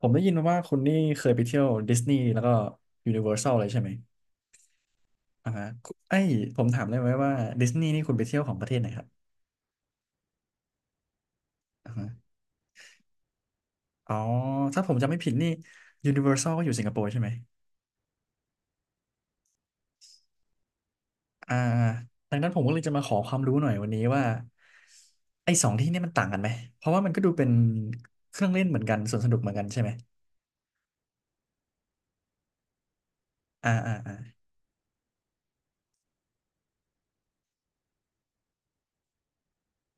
ผมได้ยินมาว่าคุณนี่เคยไปเที่ยวดิสนีย์แล้วก็ยูนิเวอร์แซลเลยใช่ไหมอ่าฮะไอ้ยผมถามได้ไหมว่าดิสนีย์นี่คุณไปเที่ยวของประเทศไหนครับอ่าฮะอ๋อถ้าผมจำไม่ผิดนี่ยูนิเวอร์แซลก็อยู่สิงคโปร์ใช่ไหมอ่าดังนั้นผมก็เลยจะมาขอความรู้หน่อยวันนี้ว่าไอ้สองที่นี่มันต่างกันไหมเพราะว่ามันก็ดูเป็นเครื่องเล่นเหมือนกันสวนสนุกเหมือนกันใช่ไหมอ่าอ่าอ่า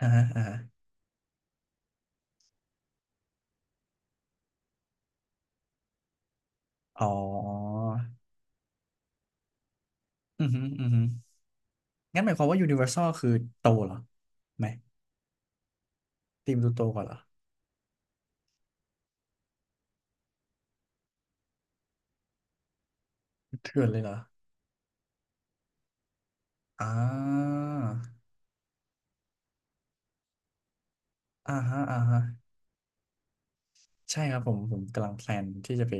อ่าฮะอ่าฮะอ๋ออือฮึอือฮึงั้นหมายความว่ายูนิเวอร์แซลคือโตเหรอไหมทีมดูโตกว่าเหรอ เถื่อนเลยเหรออ่าอ่าฮะอ่าฮะใช่ครับผม กำลังแพลนที่จะไป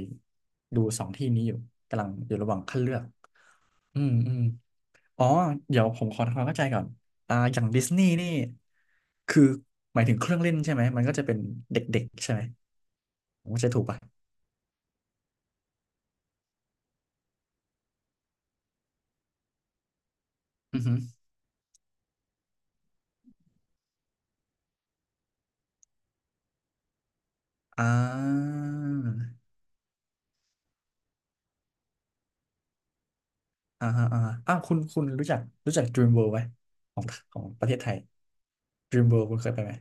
ดูสองที่นี้อยู่ กำลังอยู่ระหว่างคัดเลือกอืมอืม อ๋อ เดี๋ยวผมขอทำความเข้าใจก่อน อ่าอย่างดิสนีย์นี่คือ หมายถึงเครื่องเล่นใช่ไหม มันก็จะเป็นเด็กๆใช่ไหมผมเข้าใจถูกป่ะอือฮึอ่าอ่าฮะอ่าฮะอ้าวคุณรู้จัก Dream World ไหมของของประเทศไทย Dream World คุณเคยไปไหม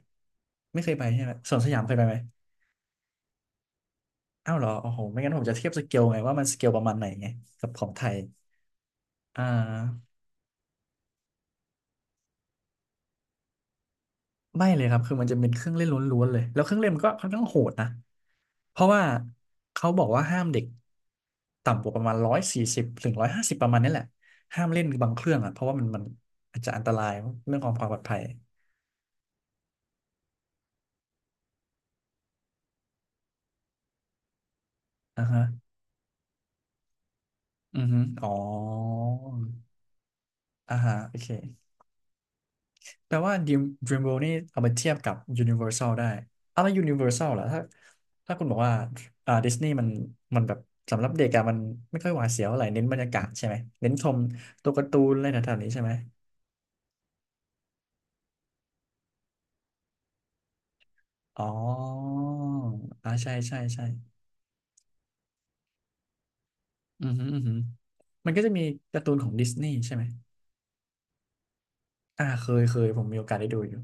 ไม่เคยไปใช่ไหมสวนสยามเคยไปไหม อ้าวเหรอโอ้โหไม่งั้นผมจะเทียบสเกลไงว่ามันสเกลประมาณไหนไงกับของไทยอ่าไม่เลยครับคือมันจะเป็นเครื่องเล่นล้วนๆเลยแล้วเครื่องเล่นมันก็ค่อนข้างโหดนะเพราะว่าเขาบอกว่าห้ามเด็กต่ำกว่าประมาณ140ถึง150ประมาณนี้แหละห้ามเล่นบางเครื่องอ่ะเพราะว่ามันอาจจะอันตรายเรื่องของความปลอดภัยอ่าฮะอือฮึอ๋ออ่าฮะโอเค แปลว่า Dreamworld นี่เอามาเทียบกับ Universal ได้ เอาแล้ว Universal ล่ะถ้าถ้าคุณบอกว่าอ่าดิสนีย์มันแบบสำหรับเด็กอะมันไม่ค่อยหวาดเสียวอะไรเน้นบรรยากาศใช่ไหมเน้นชมตัวการ์ตูนอะไรแถวๆนี้ใช่ไหมอ๋ออ่าใช่ใช่ใช่อือหืออือหือมันก็จะมีการ์ตูนของดิสนีย์ใช่ไหมอ่าเคยเคยผมมีโอกาสได้ดูอยู่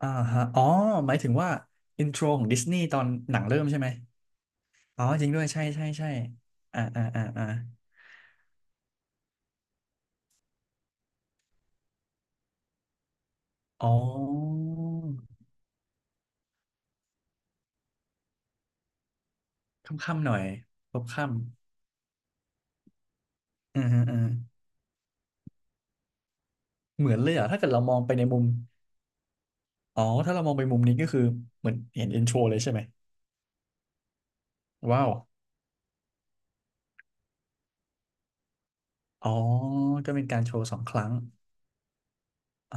อ่าฮะอ๋อหมายถึงว่าอินโทรของดิสนีย์ตอนหนังเริ่มใช่ไหมอ๋อจริงด้วยใช่ใช่ใช่อ่าอ่าอ่าอ่า อ๋อค่ำๆหน่อยพบค่ำอืาอืาเหมือนเลยอ่ะถ้าเกิดเรามองไปในมุมอ๋อถ้าเรามองไปมุมนี้ก็คือเหมือนเห็นเอ็นโชเลยใช่ไหมว้าวอ๋อก็เป็นการโชว์สองครั้งอ่า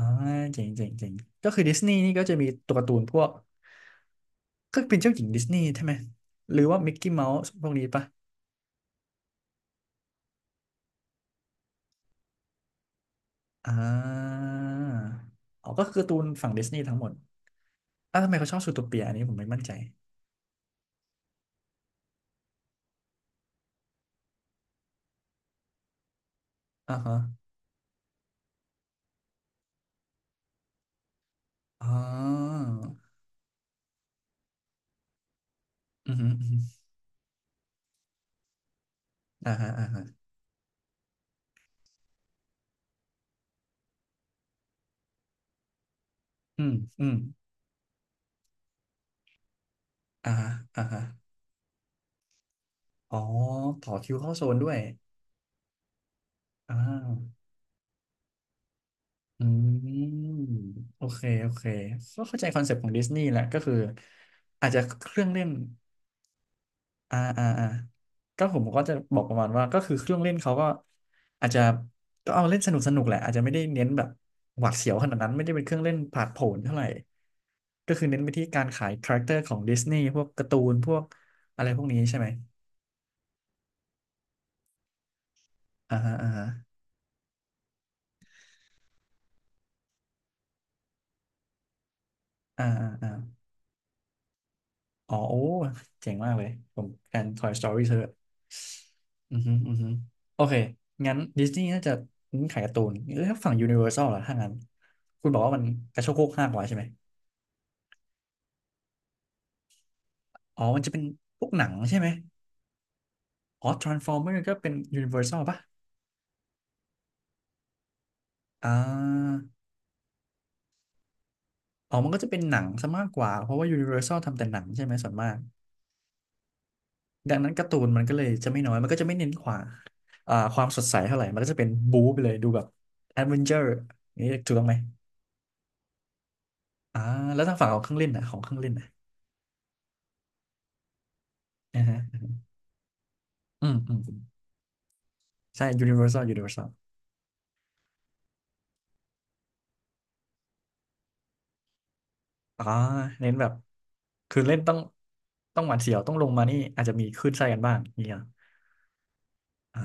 เจ๋งเจ๋งเจ๋งก็คือดิสนีย์นี่ก็จะมีตัวการ์ตูนพวกก็เป็นเจ้าหญิงดิสนีย์ใช่ไหมหรือว่ามิกกี้เมาส์พวกนี้ปะอ่าอ๋อก็คือการ์ตูนฝั่งดิสนีย์ทั้งหมดอ่ะทำไมเขาชอบซูโทเปียอันนี้ผมไม่มั่นใจอ่าฮะอ๋อ อืมอหืมออื้อหืออ่าฮะอ่าฮะอืมอืมอ่าฮะอ่าฮะอ๋อต่อคิวเข้าโซนด้วยอ่าวอืมโอเคโอเคก็เข้าใจคอนเซ็ปต์ของดิสนีย์แหละก็คืออาจจะเครื่องเล่นอ่าอ่าอ่าก็ผมก็จะบอกประมาณว่าก็คือเครื่องเล่นเขาก็อาจจะก็เอาเล่นสนุกสนุกแหละอาจจะไม่ได้เน้นแบบหวาดเสียวขนาดนั้นไม่ได้เป็นเครื่องเล่นผาดโผนเท่าไหร่ก็คือเน้นไปที่การขายคาแรคเตอร์ของดิสนีย์พวกการ์ตูนพวกอะไรพวกนี้ใช่ไหมอ่าฮะอ่าฮะ อ่าอ่าอ่าอ๋อโอ้เจ๋งมากเลยผมการ Toy Story เธออือฮึอือฮึโอเคงั้นดิสนีย์น่าจะเน้นขายการ์ตูนแล้วถ้าฝั่ง Universal ล่ะถ้างั้นคุณบอกว่ามันกระโชกโคกห้ากว่าใช่ไหมอ๋อมันจะเป็นพวกหนังใช่ไหมอ๋อ Transformer ก็เป็น Universal ป่ะอ่าอ๋อมันก็จะเป็นหนังซะมากกว่าเพราะว่า Universal ทำแต่หนังใช่ไหมส่วนมากดังนั้นการ์ตูนมันก็เลยจะไม่น้อยมันก็จะไม่เน้นขวาอ่าความสดใสเท่าไหร่มันก็จะเป็นบู๊ไปเลยดูแบบแอดเวนเจอร์นี่ถูกต้องไหม อ่าแล้วทางฝั่งของเครื่องเล่นนะของเครื่องเล่นนะนะฮะอืมอืมอืมใช่ Universal อ่าเน้นแบบคือเล่นต้องหวาดเสียวต้องลงมานี่อาจจะมีคลื่นไส้กันบ้างเนี่ยอ่า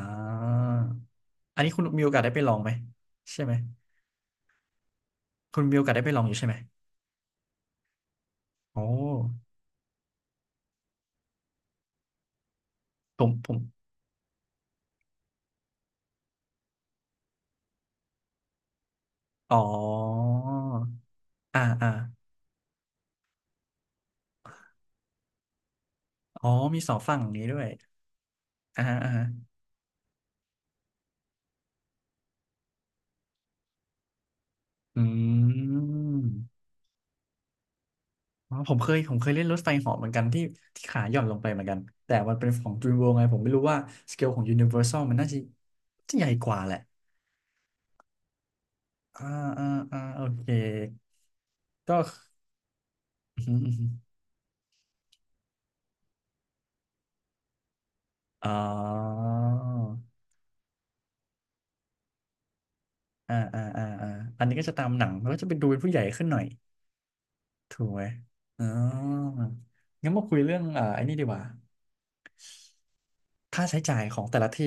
อันนี้คุณมีโอกาสได้ไปลองไหมใช่ไหมคุณมีโอกาสได้ไปลองอยู่ใช่ไหมโอ้ผมอ๋ออ่าอ่าอ๋อมีสองฝั่งอย่างนี้ด้วยอ่าฮะอ่าฮะอืม อ๋อผมเคยเล่นรถไฟเหาะเหมือนกันที่ขาหย่อนลงไปเหมือนกันแต่มันเป็นของ DreamWorld ไงผมไม่รู้ว่าสเกลของ Universal มันน่าจะจะใหญ่กว่าแหละอ่าอ่าอ่าโอเคก็อือหืออือหืออ๋ออ่าอ่าอ่าอ่าอันนี้ก็จะตามหนังแล้วก็จะไปดูเป็นผู้ใหญ่ขึ้นหน่อยถูกไหมอ๋องั้นมาคุยเรื่องไอ้นี่ดีกว่าค่าใช้จ่ายของแต่ละที่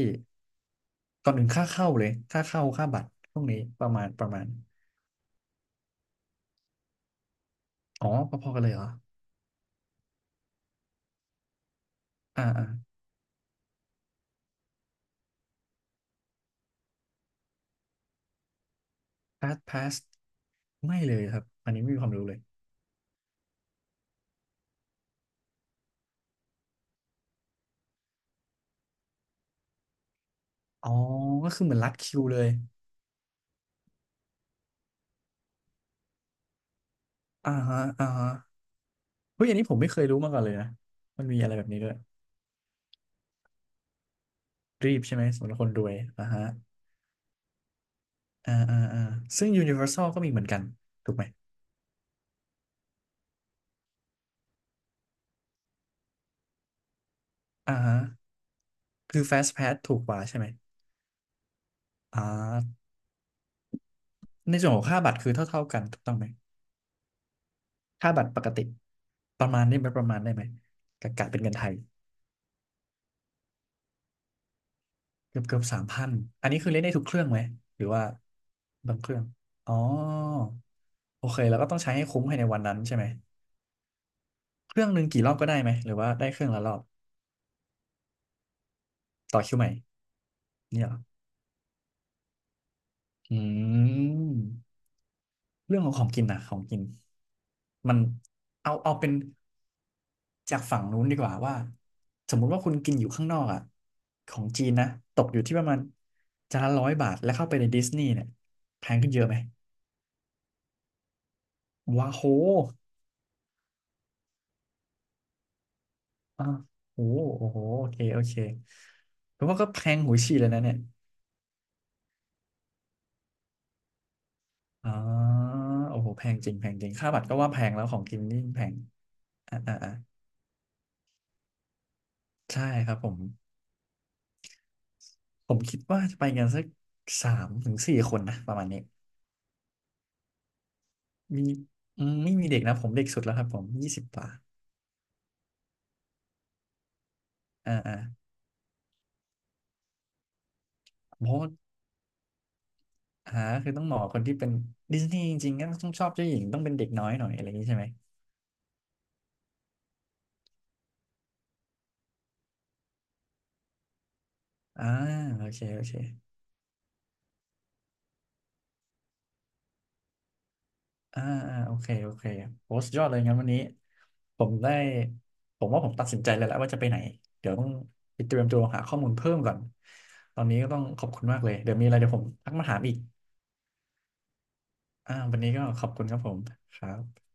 ก่อนอื่นค่าเข้าเลยค่าเข้าค่าบัตรพวกนี้ประมาณอ๋อพอๆกันเลยเหรออ่า พาสพาสไม่เลยครับอันนี้ไม่มีความรู้เลยอ๋อก็คือเหมือนรัดคิวเลยอ่าฮะอ่าฮะเฮ้ย อันนี้ผมไม่เคยรู้มาก่อนเลยนะ มันมีอะไรแบบนี้ด้วย รีบใช่ไหมสำหรับคนรวยอ่าฮะอ่าอ่าอ่าซึ่ง Universal ก็มีเหมือนกัน ถูกไหมอ่าฮะคือ Fast Pass ถูกกว่าใช่ไหมอ่าในส่วนของค่าบัตรคือเท่าๆกันถูกต้องไหม ค่าบัตรปกติประมาณได้ไหมประมาณได้ไหมกะกะเป็นเงินไทยเกือบเกือบสามพันอันนี้คือเล่นได้ทุกเครื่องไหมหรือว่าบางเครื่องอ๋อ โอเคแล้วก็ต้องใช้ให้คุ้มภายในวันนั้นใช่ไหมเครื่องหนึ่งกี่รอบก็ได้ไหมหรือว่าได้เครื่องละรอบต่อคิวใหม่เนี่ยเหรออืมเรื่องของของกินนะของกินมันเอาเอาเป็นจากฝั่งนู้นดีกว่าว่าสมมุติว่าคุณกินอยู่ข้างนอกอ่ะของจีนนะตกอยู่ที่ประมาณจานละร้อยบาทแล้วเข้าไปในดิสนีย์เนี่ยแพงขึ้นเยอะไหมว้าโหอ่ะโอ้โหโอ้โหโอเคโอเคเพราะว่าก็แพงหูฉี่เลยนะเนี่ย อ๋อโอ้โหแพงจริงแพงจริงค่าบัตรก็ว่าแพงแล้วของกินนี่แพงอ่าอ่าอ่าใช่ครับผมผมคิดว่าจะไปกันสักสามถึงสี่คนนะประมาณนี้มีอืมไม่มีเด็กนะผมเด็กสุดแล้วครับผมยี่สิบกว่าอ่าอ่าเพราะว่าหาคือต้องเหมาะคนที่เป็นดิสนีย์จริงๆก็ต้องชอบเจ้าหญิงต้องเป็นเด็กน้อยหน่อยอะไรอย่างนี้ใช่ไหมอ่าโอเคโอเค อ่าอ่าโอเคโอเคโอ้สุดยอดเลยงั้นวันนี้ผมได้ผมว่าผมตัดสินใจเลยแล้วว่าจะไปไหนเดี๋ยวต้องไปเตรียมตัวหาข้อมูลเพิ่มก่อนตอนนี้ก็ต้องขอบคุณมากเลยเดี๋ยวมีอะไรเดี๋ยวผมทักมาถามอีกอ่าวันนี้ก็ขอบคุณครับผมครับ